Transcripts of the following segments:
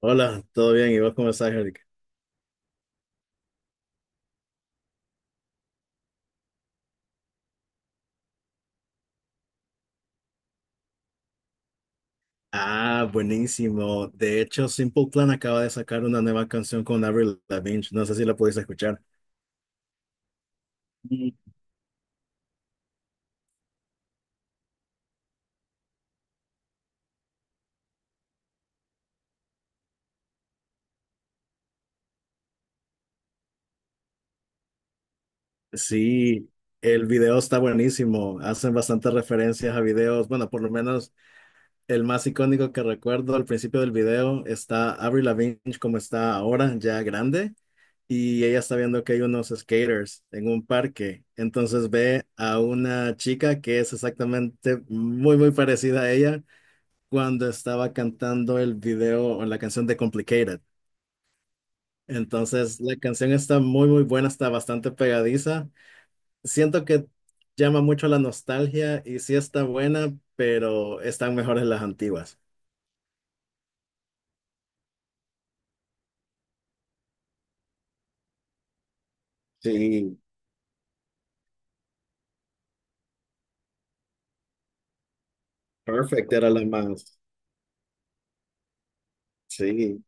Hola, ¿todo bien? ¿Y vos cómo estás, Eric? Ah, buenísimo. De hecho, Simple Plan acaba de sacar una nueva canción con Avril Lavigne. No sé si la pudiste escuchar. Mm. Sí, el video está buenísimo. Hacen bastantes referencias a videos. Bueno, por lo menos el más icónico que recuerdo al principio del video está Avril Lavigne como está ahora, ya grande. Y ella está viendo que hay unos skaters en un parque. Entonces ve a una chica que es exactamente muy, muy parecida a ella cuando estaba cantando el video o la canción de Complicated. Entonces, la canción está muy, muy buena, está bastante pegadiza. Siento que llama mucho la nostalgia y sí está buena, pero están mejores las antiguas. Sí, Perfect era la más. Sí,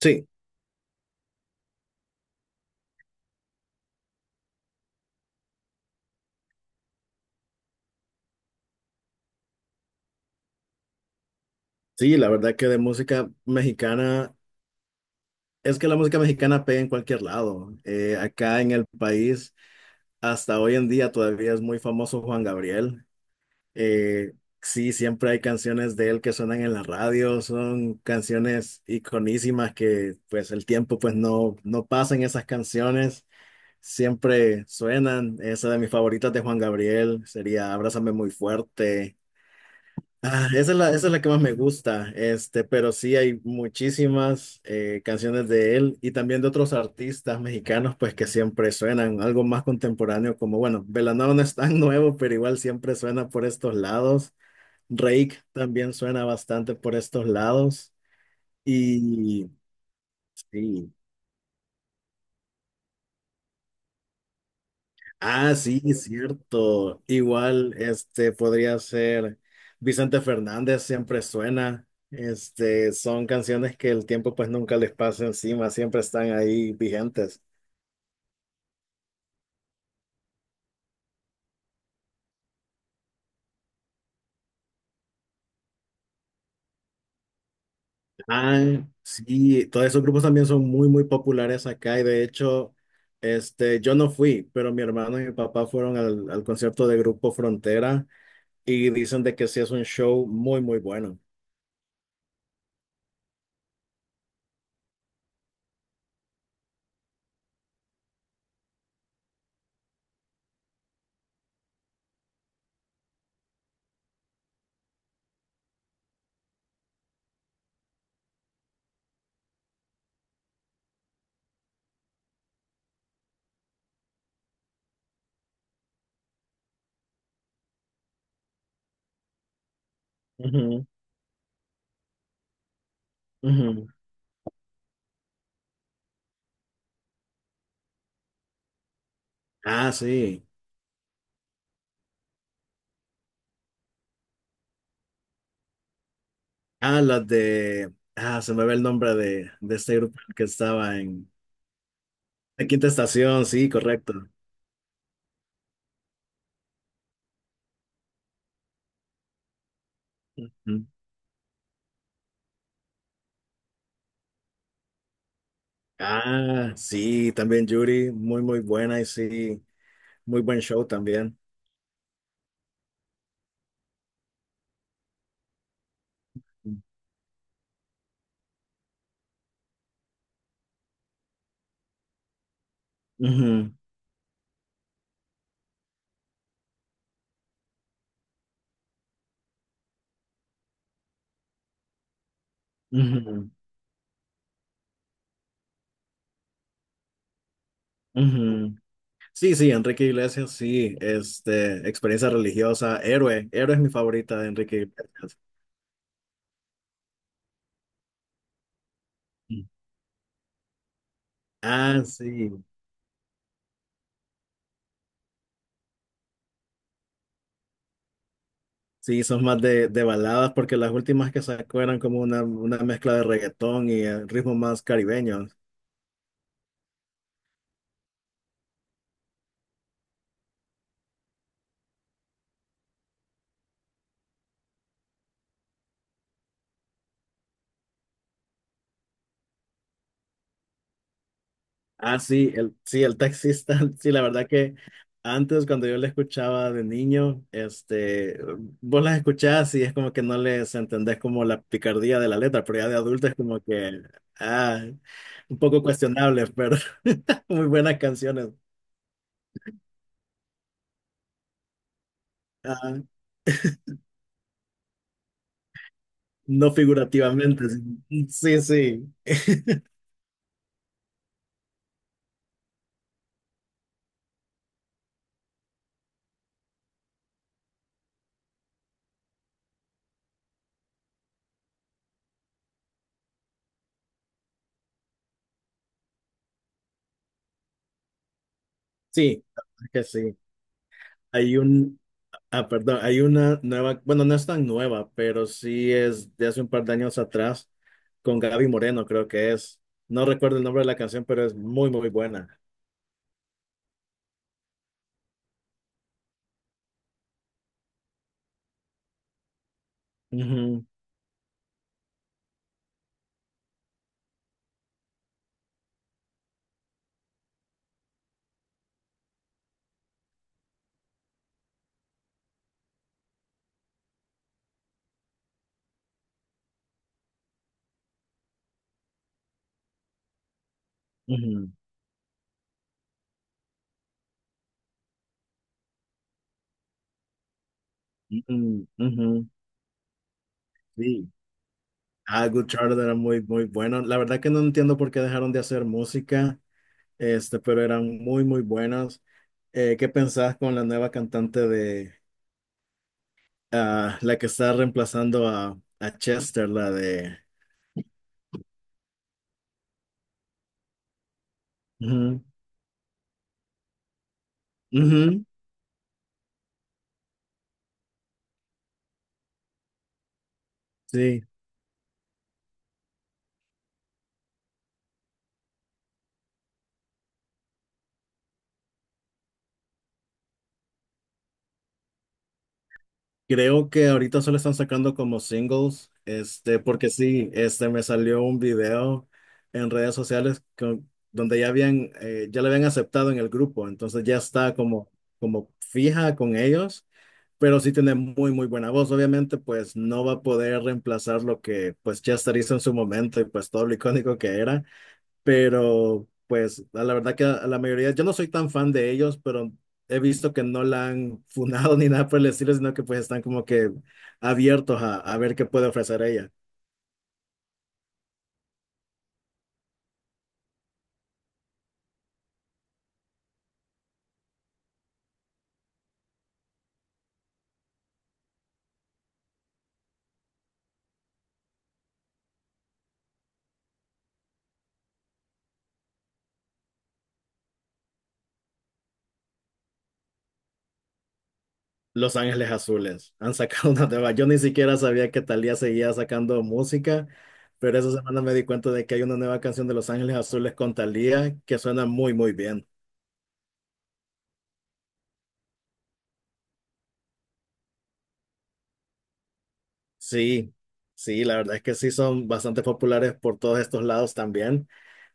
Sí, sí, la verdad que de música mexicana, es que la música mexicana pega en cualquier lado. Acá en el país, hasta hoy en día todavía es muy famoso Juan Gabriel. Eh, sí, siempre hay canciones de él que suenan en la radio, son canciones iconísimas que pues el tiempo pues no pasa en esas canciones, siempre suenan. Esa de mis favoritas de Juan Gabriel sería Abrázame muy fuerte. Ah, esa es la que más me gusta, este, pero sí hay muchísimas canciones de él y también de otros artistas mexicanos pues que siempre suenan, algo más contemporáneo como bueno, Belanova no es tan nuevo, pero igual siempre suena por estos lados. Rake también suena bastante por estos lados. Y sí. Ah, sí, cierto. Igual, este podría ser Vicente Fernández, siempre suena. Este, son canciones que el tiempo pues nunca les pasa encima, siempre están ahí vigentes. Ah, sí, todos esos grupos también son muy, muy populares acá y de hecho, este, yo no fui, pero mi hermano y mi papá fueron al concierto de Grupo Frontera y dicen de que sí es un show muy, muy bueno. Ujú, ujú. Ah, sí. Ah, las de... Ah, se me ve el nombre de este grupo que estaba en... La Quinta Estación, sí, correcto. Ujú. Ah, sí, también Yuri, muy, muy buena y sí, muy buen show también. Ujú, ujú, ujú. Sí, sí, Enrique Iglesias, sí, este, experiencia religiosa, héroe, héroe es mi favorita de Enrique Iglesias. Ah, sí. Sí, son más de baladas porque las últimas que sacó eran como una mezcla de reggaetón y ritmos más caribeños. Ah, sí, el taxista, sí, la verdad que antes cuando yo le escuchaba de niño, este, vos las escuchás y es como que no les entendés como la picardía de la letra, pero ya de adulto es como que, ah, un poco cuestionable, pero muy buenas canciones. Ah, no figurativamente, sí, sí, sí, sí, la verdad que sí. Hay un, Perdón, hay una nueva, bueno, no es tan nueva, pero sí es de hace un par de años atrás, con Gaby Moreno, creo que es. No recuerdo el nombre de la canción, pero es muy, muy buena. Ujú, ujú, ujú, ujú, sí. Ah, Good Charlotte era muy, muy bueno. La verdad que no entiendo por qué dejaron de hacer música, este, pero eran muy, muy buenas. ¿Qué pensás con la nueva cantante de la que está reemplazando a Chester, la de... ujú, ujú, sí. Creo que ahorita solo están sacando como singles, este, porque sí, este, me salió un video en redes sociales con- donde ya habían, ya le habían aceptado en el grupo, entonces ya está como, como fija con ellos, pero sí tiene muy, muy buena voz, obviamente, pues no va a poder reemplazar lo que, pues Chester hizo en su momento y pues todo lo icónico que era, pero pues a la verdad que a la mayoría, yo no soy tan fan de ellos, pero he visto que no la han funado ni nada por el estilo, sino que pues están como que abiertos a ver qué puede ofrecer ella. Los Ángeles Azules han sacado una nueva. Yo ni siquiera sabía que Thalía seguía sacando música, pero esa semana me di cuenta de que hay una nueva canción de Los Ángeles Azules con Thalía que suena muy, muy bien. Sí, sí, la verdad es que sí son bastante populares por todos estos lados también.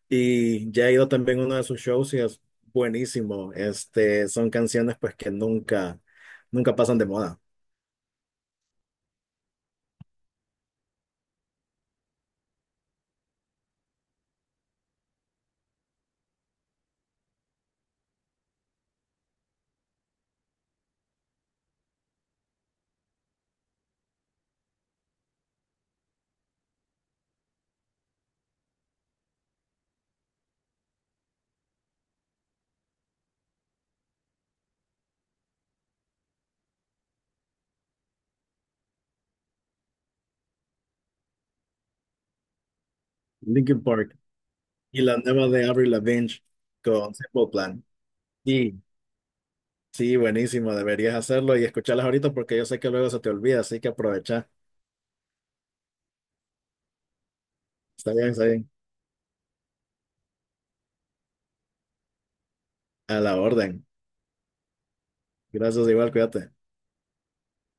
Y ya he ido también a uno de sus shows y es buenísimo. Este, son canciones pues que nunca, nunca pasan de moda. Linkin Park y la nueva de Avril Lavigne con Simple Plan. Y sí, buenísimo. Deberías hacerlo y escucharlas ahorita porque yo sé que luego se te olvida, así que aprovecha. Está bien, está bien. A la orden. Gracias igual, cuídate.